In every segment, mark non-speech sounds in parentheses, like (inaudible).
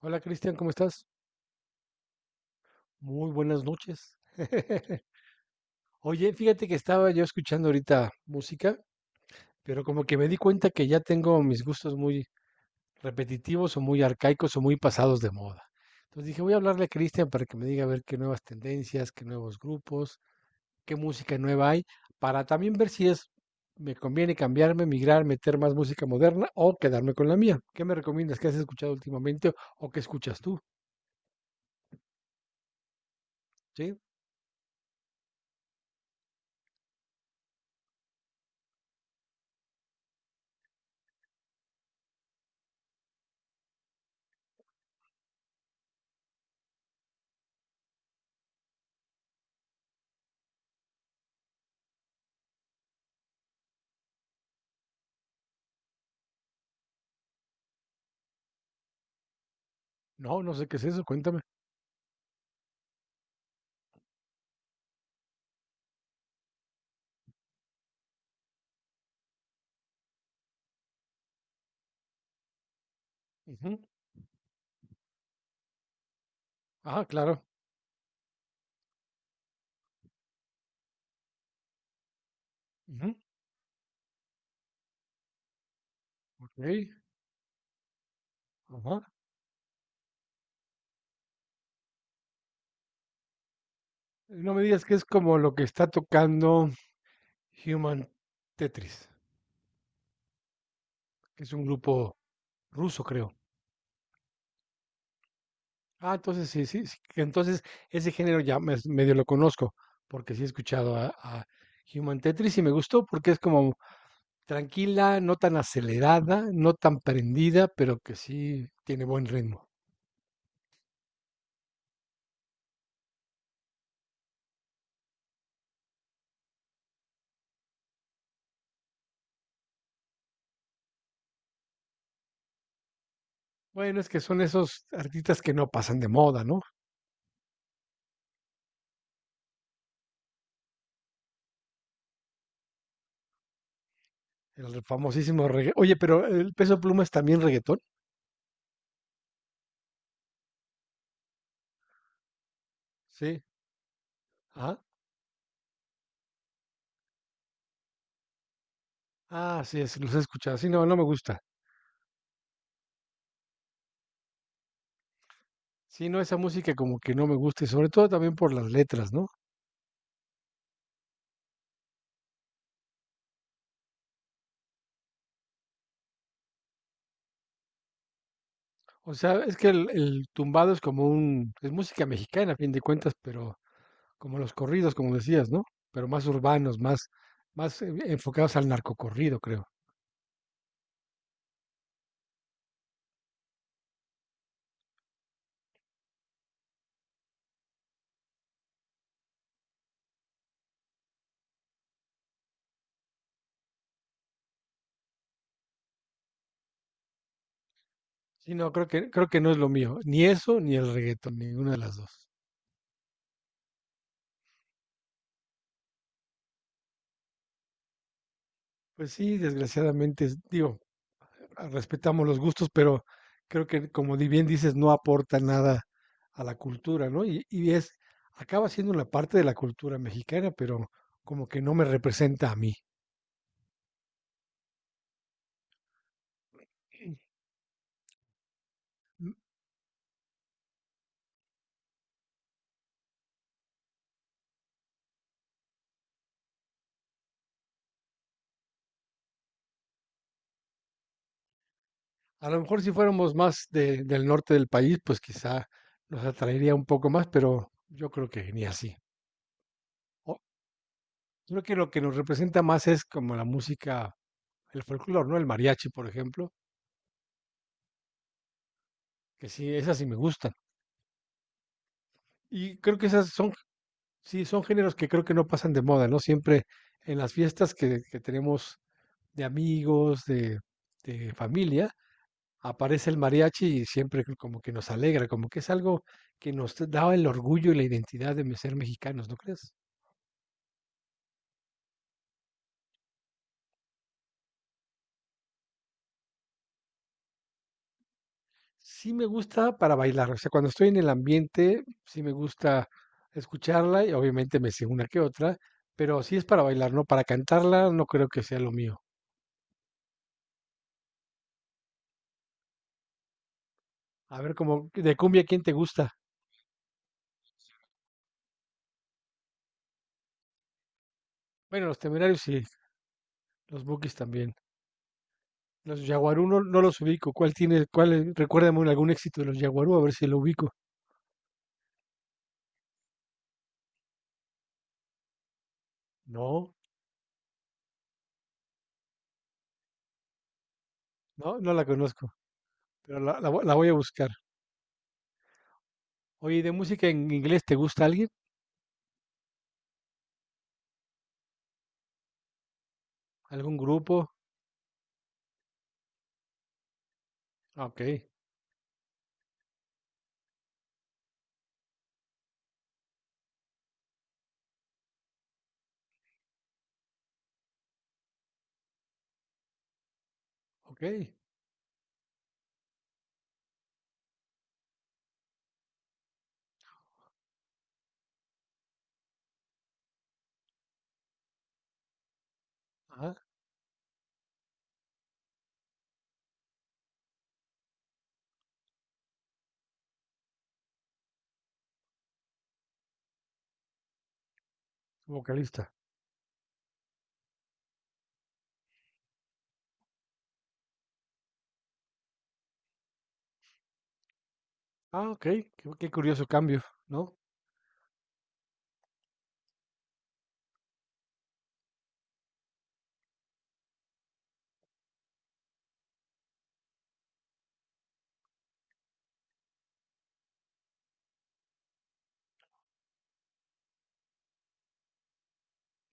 Hola Cristian, ¿cómo estás? Muy buenas noches. (laughs) Oye, fíjate que estaba yo escuchando ahorita música, pero como que me di cuenta que ya tengo mis gustos muy repetitivos o muy arcaicos o muy pasados de moda. Entonces dije, voy a hablarle a Cristian para que me diga a ver qué nuevas tendencias, qué nuevos grupos, qué música nueva hay, para también ver si es, me conviene cambiarme, migrar, meter más música moderna o quedarme con la mía. ¿Qué me recomiendas? ¿Qué has escuchado últimamente o qué escuchas tú? ¿Sí? No, no sé qué es eso, cuéntame. Ajá, claro. Ujú, okey, ajá. No me digas que es como lo que está tocando Human Tetris, que es un grupo ruso, creo. Ah, entonces sí, sí, sí, que entonces ese género ya mes medio lo conozco, porque sí he escuchado a Human Tetris y me gustó porque es como tranquila, no tan acelerada, no tan prendida, pero que sí tiene buen ritmo. Bueno, es que son esos artistas que no pasan de moda, ¿no? El famosísimo regga oye, pero, ¿el Peso Pluma es también reguetón? Sí. Ajá. Ah, sí, es, los he escuchado. Sí, no, no me gusta. Sí, no, esa música como que no me gusta, y sobre todo también por las letras, ¿no? O sea, es que el tumbado es como un, es música mexicana, a fin de cuentas, pero como los corridos, como decías, ¿no? Pero más urbanos, más, más enfocados al narcocorrido, creo. Sí, no, creo que no es lo mío, ni eso, ni el reggaetón, ninguna de las dos. Pues sí, desgraciadamente, es- digo, ah, respetamos los gustos, pero creo que como di- bien dices, no aporta nada a la cultura, ¿no? Y es, acaba siendo una parte de la cultura mexicana, pero como que no me representa a mí. Mm. A lo mejor si fuéramos más de- del norte del país, pues quizá nos atraería un poco más, pero yo creo que ni así. O- Creo que lo que nos representa más es como la música el folclore, ¿no? El mariachi, por ejemplo, que sí, esas sí me gustan. Y creo que esas son, sí, son géneros que creo que no pasan de moda, ¿no? Siempre en las fiestas que tenemos de amigos, de familia, aparece el mariachi y siempre como que nos alegra, como que es algo que nos da el orgullo y la identidad de ser mexicanos, ¿no crees? Sí me gusta para bailar, o sea, cuando estoy en el ambiente, sí me gusta escucharla y obviamente me sé una que otra, pero sí es para bailar, ¿no? Para cantarla no creo que sea lo mío. A ver, como de cumbia, ¿quién te gusta? Bueno, los Temerarios sí, los Bukis también. Los Yaguarú no, no los ubico. ¿Cuál tiene, cuál, es? Recuérdame un- algún éxito de los Yaguarú, a ver si lo ubico. No, no, no la conozco, pero la vo- la voy a buscar. Oye, ¿y ¿de música en inglés te gusta alguien? ¿Algún grupo? Ah, ok, ok. Ajá, vocalista. Ah, okey, qué qué curioso cambio, ¿no?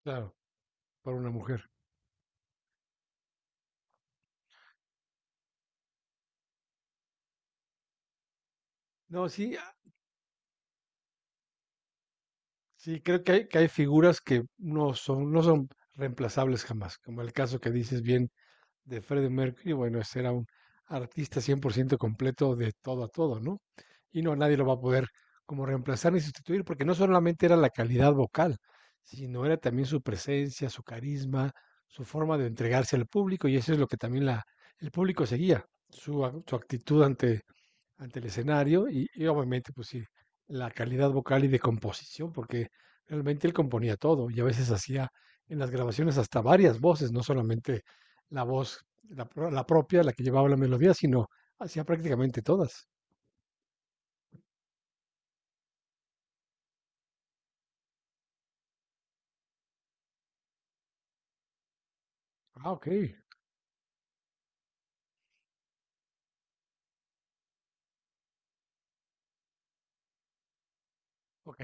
Claro, para una mujer. No, sí, ah, sí, creo que hay figuras que no son no son reemplazables jamás, como el caso que dices bien de Freddie Mercury, bueno, ese era un artista 100% completo de todo a todo, ¿no? Y no, nadie lo va a poder como reemplazar ni sustituir, porque no solamente era la calidad vocal, sino era también su presencia, su carisma, su forma de entregarse al público, y eso es lo que también la el público seguía, su ac su actitud ante ante el escenario y obviamente, pues sí, la calidad vocal y de composición, porque realmente él componía todo y a veces hacía en las grabaciones hasta varias voces, no solamente la voz, la, pro- la propia, la que llevaba la melodía, sino hacía prácticamente todas. Ah, ok. Ok.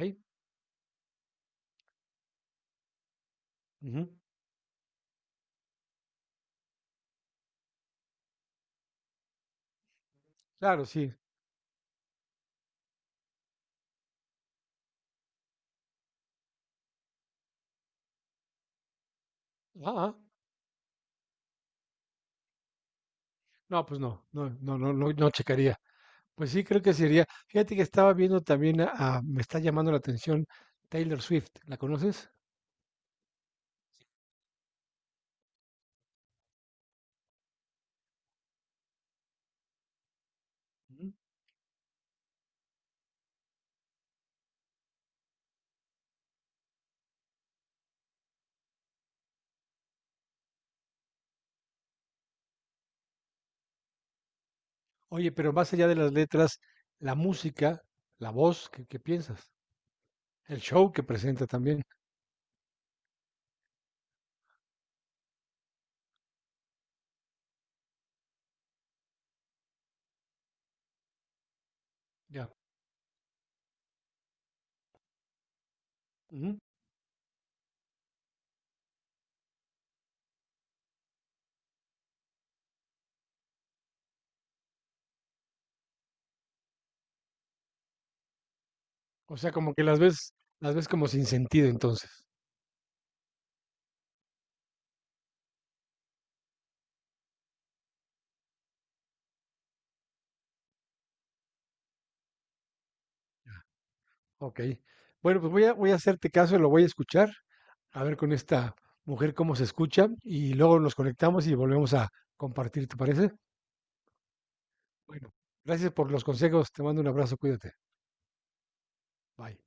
Ujú. Claro, sí. Ah, ah, no, pues no, no, no, no, no, no checaría. Pues sí, creo que sería. Fíjate que estaba viendo también a- me está llamando la atención Taylor Swift. ¿La conoces? Oye, pero más allá de las letras, la música, la voz, ¿qué, qué piensas? El show que presenta también. Ya. Ujú. O sea, como que las ves como sin sentido entonces. Ok. Bueno, pues voy a, voy a hacerte caso, lo voy a escuchar, a ver con esta mujer cómo se escucha y luego nos conectamos y volvemos a compartir, ¿te parece? Bueno, gracias por los consejos, te mando un abrazo, cuídate. Bye.